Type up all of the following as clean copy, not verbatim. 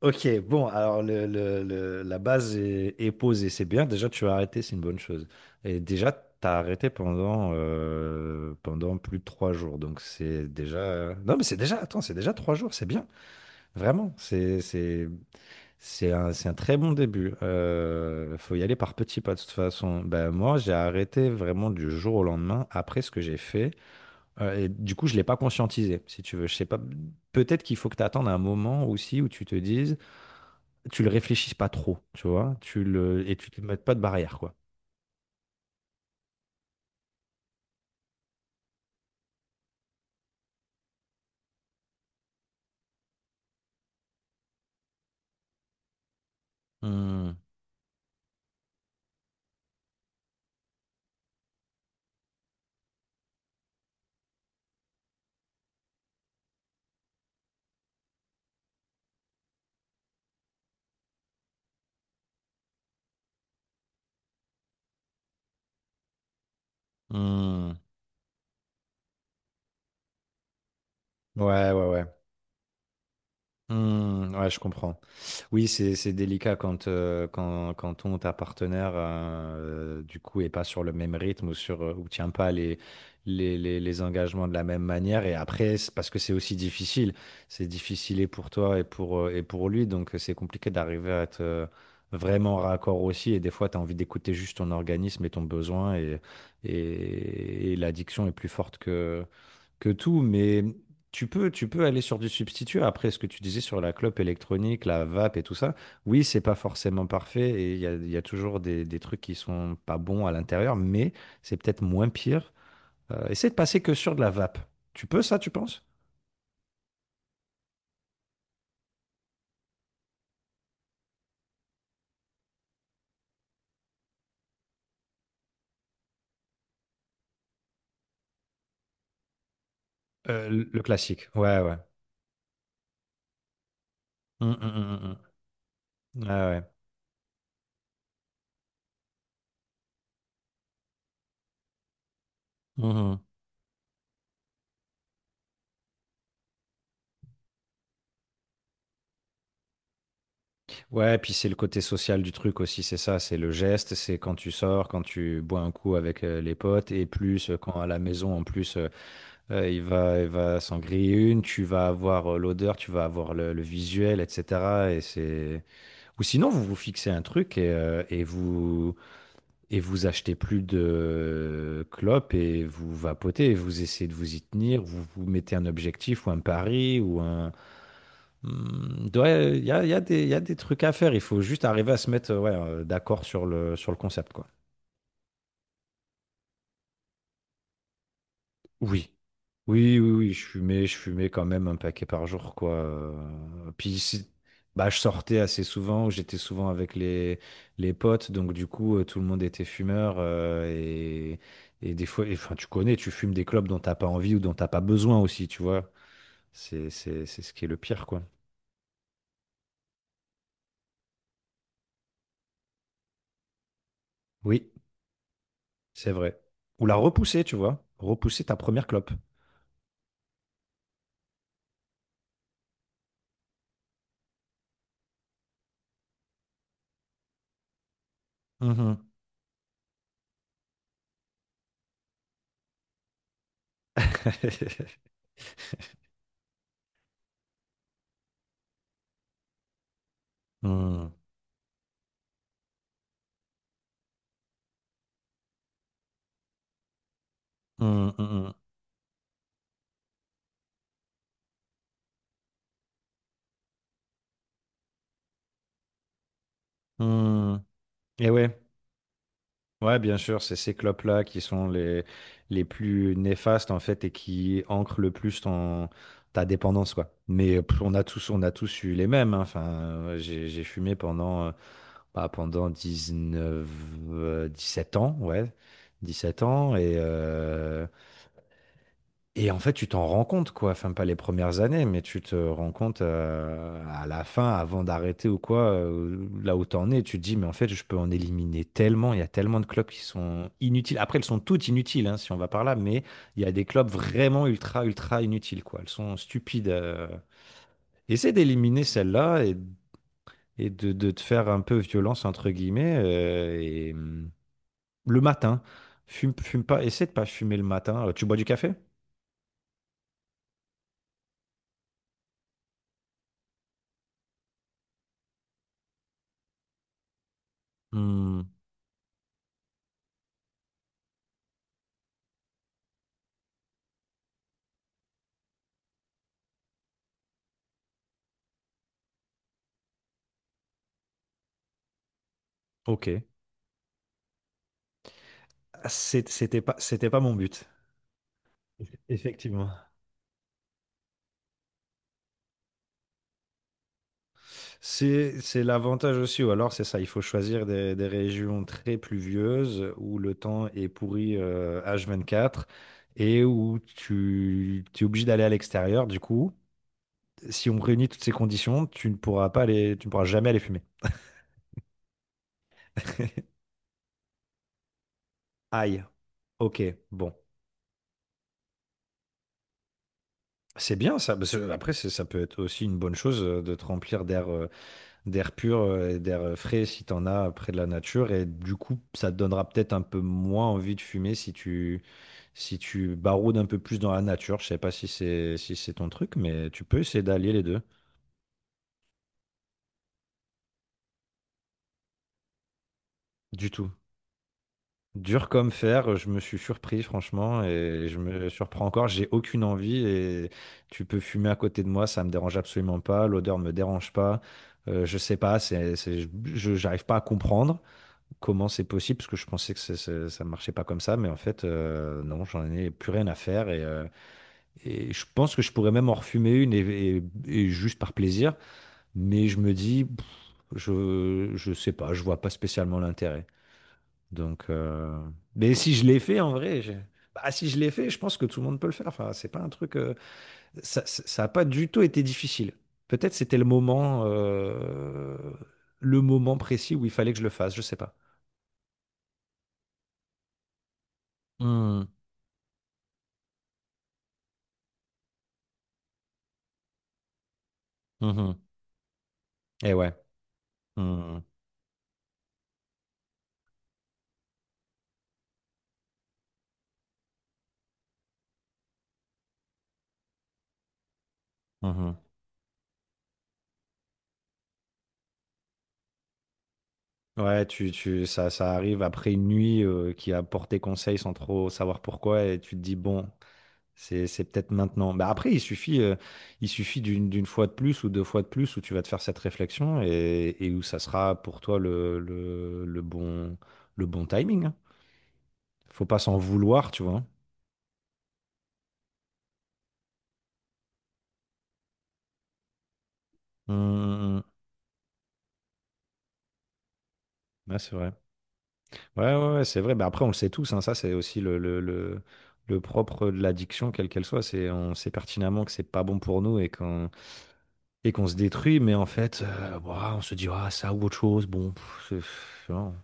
Ok, bon, alors la base est posée, c'est bien. Déjà, tu as arrêté, c'est une bonne chose. Et déjà, tu as arrêté pendant plus de trois jours. Donc, c'est déjà. Non, mais c'est déjà. Attends, c'est déjà trois jours, c'est bien. Vraiment. C'est un très bon début. Faut y aller par petits pas, de toute façon. Ben, moi, j'ai arrêté vraiment du jour au lendemain après ce que j'ai fait. Et du coup, je ne l'ai pas conscientisé, si tu veux. Je sais pas. Peut-être qu'il faut que tu attendes un moment aussi où tu te dises tu le réfléchisses pas trop, tu vois, tu le et tu te mets pas de barrière quoi. Hmm, hmm. Ouais, ouais, ouais. Hmm, ouais, je comprends. Oui, c'est délicat quand ton ou ta partenaire, du coup, est pas sur le même rythme ou ou tient pas les engagements de la même manière. Et après, c'est parce que c'est aussi difficile. C'est difficile et pour toi et pour lui. Donc, c'est compliqué d'arriver à être vraiment raccord aussi. Et des fois, tu as envie d'écouter juste ton organisme et ton besoin. Et l'addiction est plus forte que tout, mais tu peux aller sur du substitut. Après, ce que tu disais sur la clope électronique, la vape et tout ça, oui, c'est pas forcément parfait et il y a toujours des trucs qui sont pas bons à l'intérieur, mais c'est peut-être moins pire. Essaie de passer que sur de la vape. Tu peux ça, tu penses? Le classique. Ouais, ouais. Hum, hum, hum, hum. Ah ouais. Mhm. Ouais, puis c'est le côté social du truc aussi, c'est ça, c'est le geste, c'est quand tu sors, quand tu bois un coup avec les potes, et plus quand à la maison en plus Il va s'en griller une, tu vas avoir l'odeur, tu vas avoir le visuel, etc. Et c'est... Ou sinon, vous vous fixez un truc et vous achetez plus de clopes et vous vapotez et vous essayez de vous y tenir. Vous vous mettez un objectif ou un pari ou un... Hmm, ouais. Il y a des, il y a des trucs à faire. Il faut juste arriver à se mettre, ouais, d'accord sur le concept, quoi. Oui. Oui, oui, oui, je fumais quand même un paquet par jour, quoi. Puis si- Bah, je sortais assez souvent, j'étais souvent avec les potes, donc du coup, tout le monde était fumeur. Et des fois, enfin, tu connais, tu fumes des clopes dont t'as pas envie ou dont t'as pas besoin aussi, tu vois. C'est ce qui est le pire, quoi. Oui, c'est vrai. Ou la repousser, tu vois. Repousser ta première clope. Mhm. Hmm, hmm, hmm, hmm. Hmm. Et ouais. Ouais, bien sûr, c'est ces clopes-là qui sont les plus néfastes en fait et qui ancrent le plus ta dépendance quoi. Mais pff, on a tous eu les mêmes, hein. Enfin, ouais, j'ai fumé pendant 19 euh, 17 ans, ouais. 17 ans et en fait, tu t'en rends compte, quoi. Enfin, pas les premières années, mais tu te rends compte à la fin, avant d'arrêter ou quoi, là où t'en es, tu te dis, mais en fait, je peux en éliminer tellement. Il y a tellement de clubs qui sont inutiles. Après, elles sont toutes inutiles, hein, si on va par là, mais il y a des clubs vraiment ultra, ultra inutiles, quoi. Elles sont stupides. Essaie d'éliminer celles-là et de te faire un peu violence, entre guillemets, et le matin. Fume, fume pas, essaie de pas fumer le matin. Tu bois du café? Hmm, ok. C'était pas mon but, effectivement. C'est l'avantage aussi, ou alors c'est ça, il faut choisir des régions très pluvieuses où le temps est pourri H24 et où tu es obligé d'aller à l'extérieur. Du coup, si on réunit toutes ces conditions, tu ne pourras pas aller, tu ne pourras jamais aller fumer. Aïe, ok, bon. C'est bien ça, parce que Après, ça peut être aussi une bonne chose de te remplir d'air pur, et d'air frais si t'en as près de la nature. Et du coup, ça te donnera peut-être un peu moins envie de fumer si tu, si tu baroudes un peu plus dans la nature. Je sais pas si c'est ton truc, mais tu peux essayer d'allier les deux. Du tout. Dur comme fer, je me suis surpris franchement et je me surprends encore. J'ai aucune envie et tu peux fumer à côté de moi, ça me dérange absolument pas. L'odeur me dérange pas. Je sais pas, j'arrive pas à comprendre comment c'est possible, parce que je pensais que ça ne marchait pas comme ça, mais en fait, non, j'en ai plus rien à faire. Et je pense que je pourrais même en refumer une, et juste par plaisir, mais je me dis, pff, je sais pas, je vois pas spécialement l'intérêt. Donc, mais si je l'ai fait en vrai, bah, si je l'ai fait, je pense que tout le monde peut le faire. Enfin, c'est pas un truc, ça a pas du tout été difficile. Peut-être c'était le moment précis où il fallait que je le fasse, je sais pas. Hmm. Mhm. Et ouais. Mmh. Mmh, mmh. Ouais, ça arrive après une nuit qui a porté conseil sans trop savoir pourquoi, et tu te dis, bon, c'est peut-être maintenant. Bah après, il suffit d'une fois de plus ou deux fois de plus où tu vas te faire cette réflexion et où ça sera pour toi le bon timing, hein. Faut pas s'en vouloir, tu vois. Mmh, mmh, mmh. Ouais, c'est vrai. Ouais, ouais, ouais, c'est vrai. Mais après, on le sait tous, hein, ça, c'est aussi le propre de l'addiction, quelle qu'elle soit. C'est, on sait pertinemment que c'est pas bon pour nous et qu'on se détruit. Mais en fait, ouah, on se dit, ah, ça ou autre chose, bon, pff, non,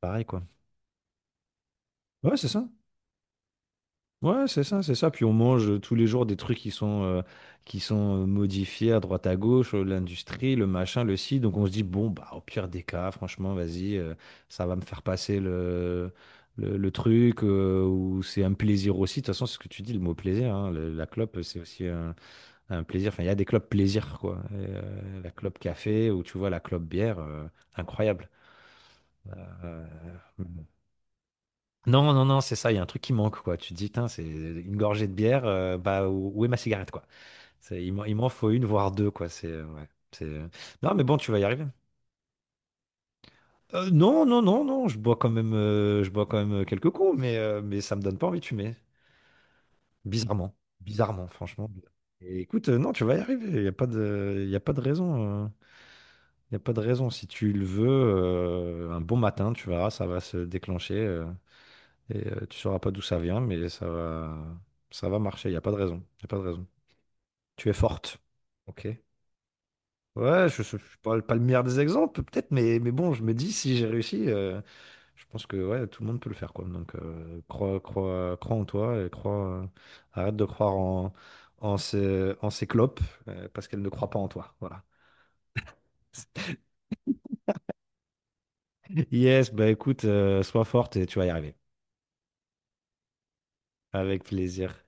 pareil, quoi. Ouais, c'est ça. Ouais, c'est ça, c'est ça. Puis on mange tous les jours des trucs qui sont modifiés à droite à gauche, l'industrie, le machin, le ci. Donc on se dit, bon, bah, au pire des cas, franchement, vas-y, ça va me faire passer le truc, ou c'est un plaisir aussi. De toute façon, c'est ce que tu dis, le mot plaisir, hein. La clope, c'est aussi un plaisir. Enfin, il y a des clopes plaisir, quoi. La clope café, ou tu vois, la clope bière, incroyable. Euh, non, non, non, c'est ça, il y a un truc qui manque, quoi. Tu te dis, Tain, c'est une gorgée de bière, bah, où est ma cigarette, quoi? Il m'en faut une, voire deux, quoi. Ouais, c'est... Non, mais bon, tu vas y arriver. Non, non, non, non, je bois quand même, je bois quand même quelques coups, mais ça me donne pas envie de fumer. Bizarrement. Bizarrement, franchement. Et écoute, non, tu vas y arriver. Il y a pas de raison. Il n'y a pas de raison. Si tu le veux, un bon matin, tu verras, ça va se déclencher. Tu sauras pas d'où ça vient, mais ça va marcher. Il n'y a pas de raison. Il a pas de raison. Tu es forte. Ok. Ouais, je ne suis pas le meilleur des exemples, peut-être, mais bon, je me dis, si j'ai réussi, je pense que ouais, tout le monde peut le faire, quoi. Donc, crois en toi et arrête de croire en ces clopes, parce qu'elles ne croient pas en toi. Voilà. Yes, bah écoute, sois forte et tu vas y arriver. Avec plaisir.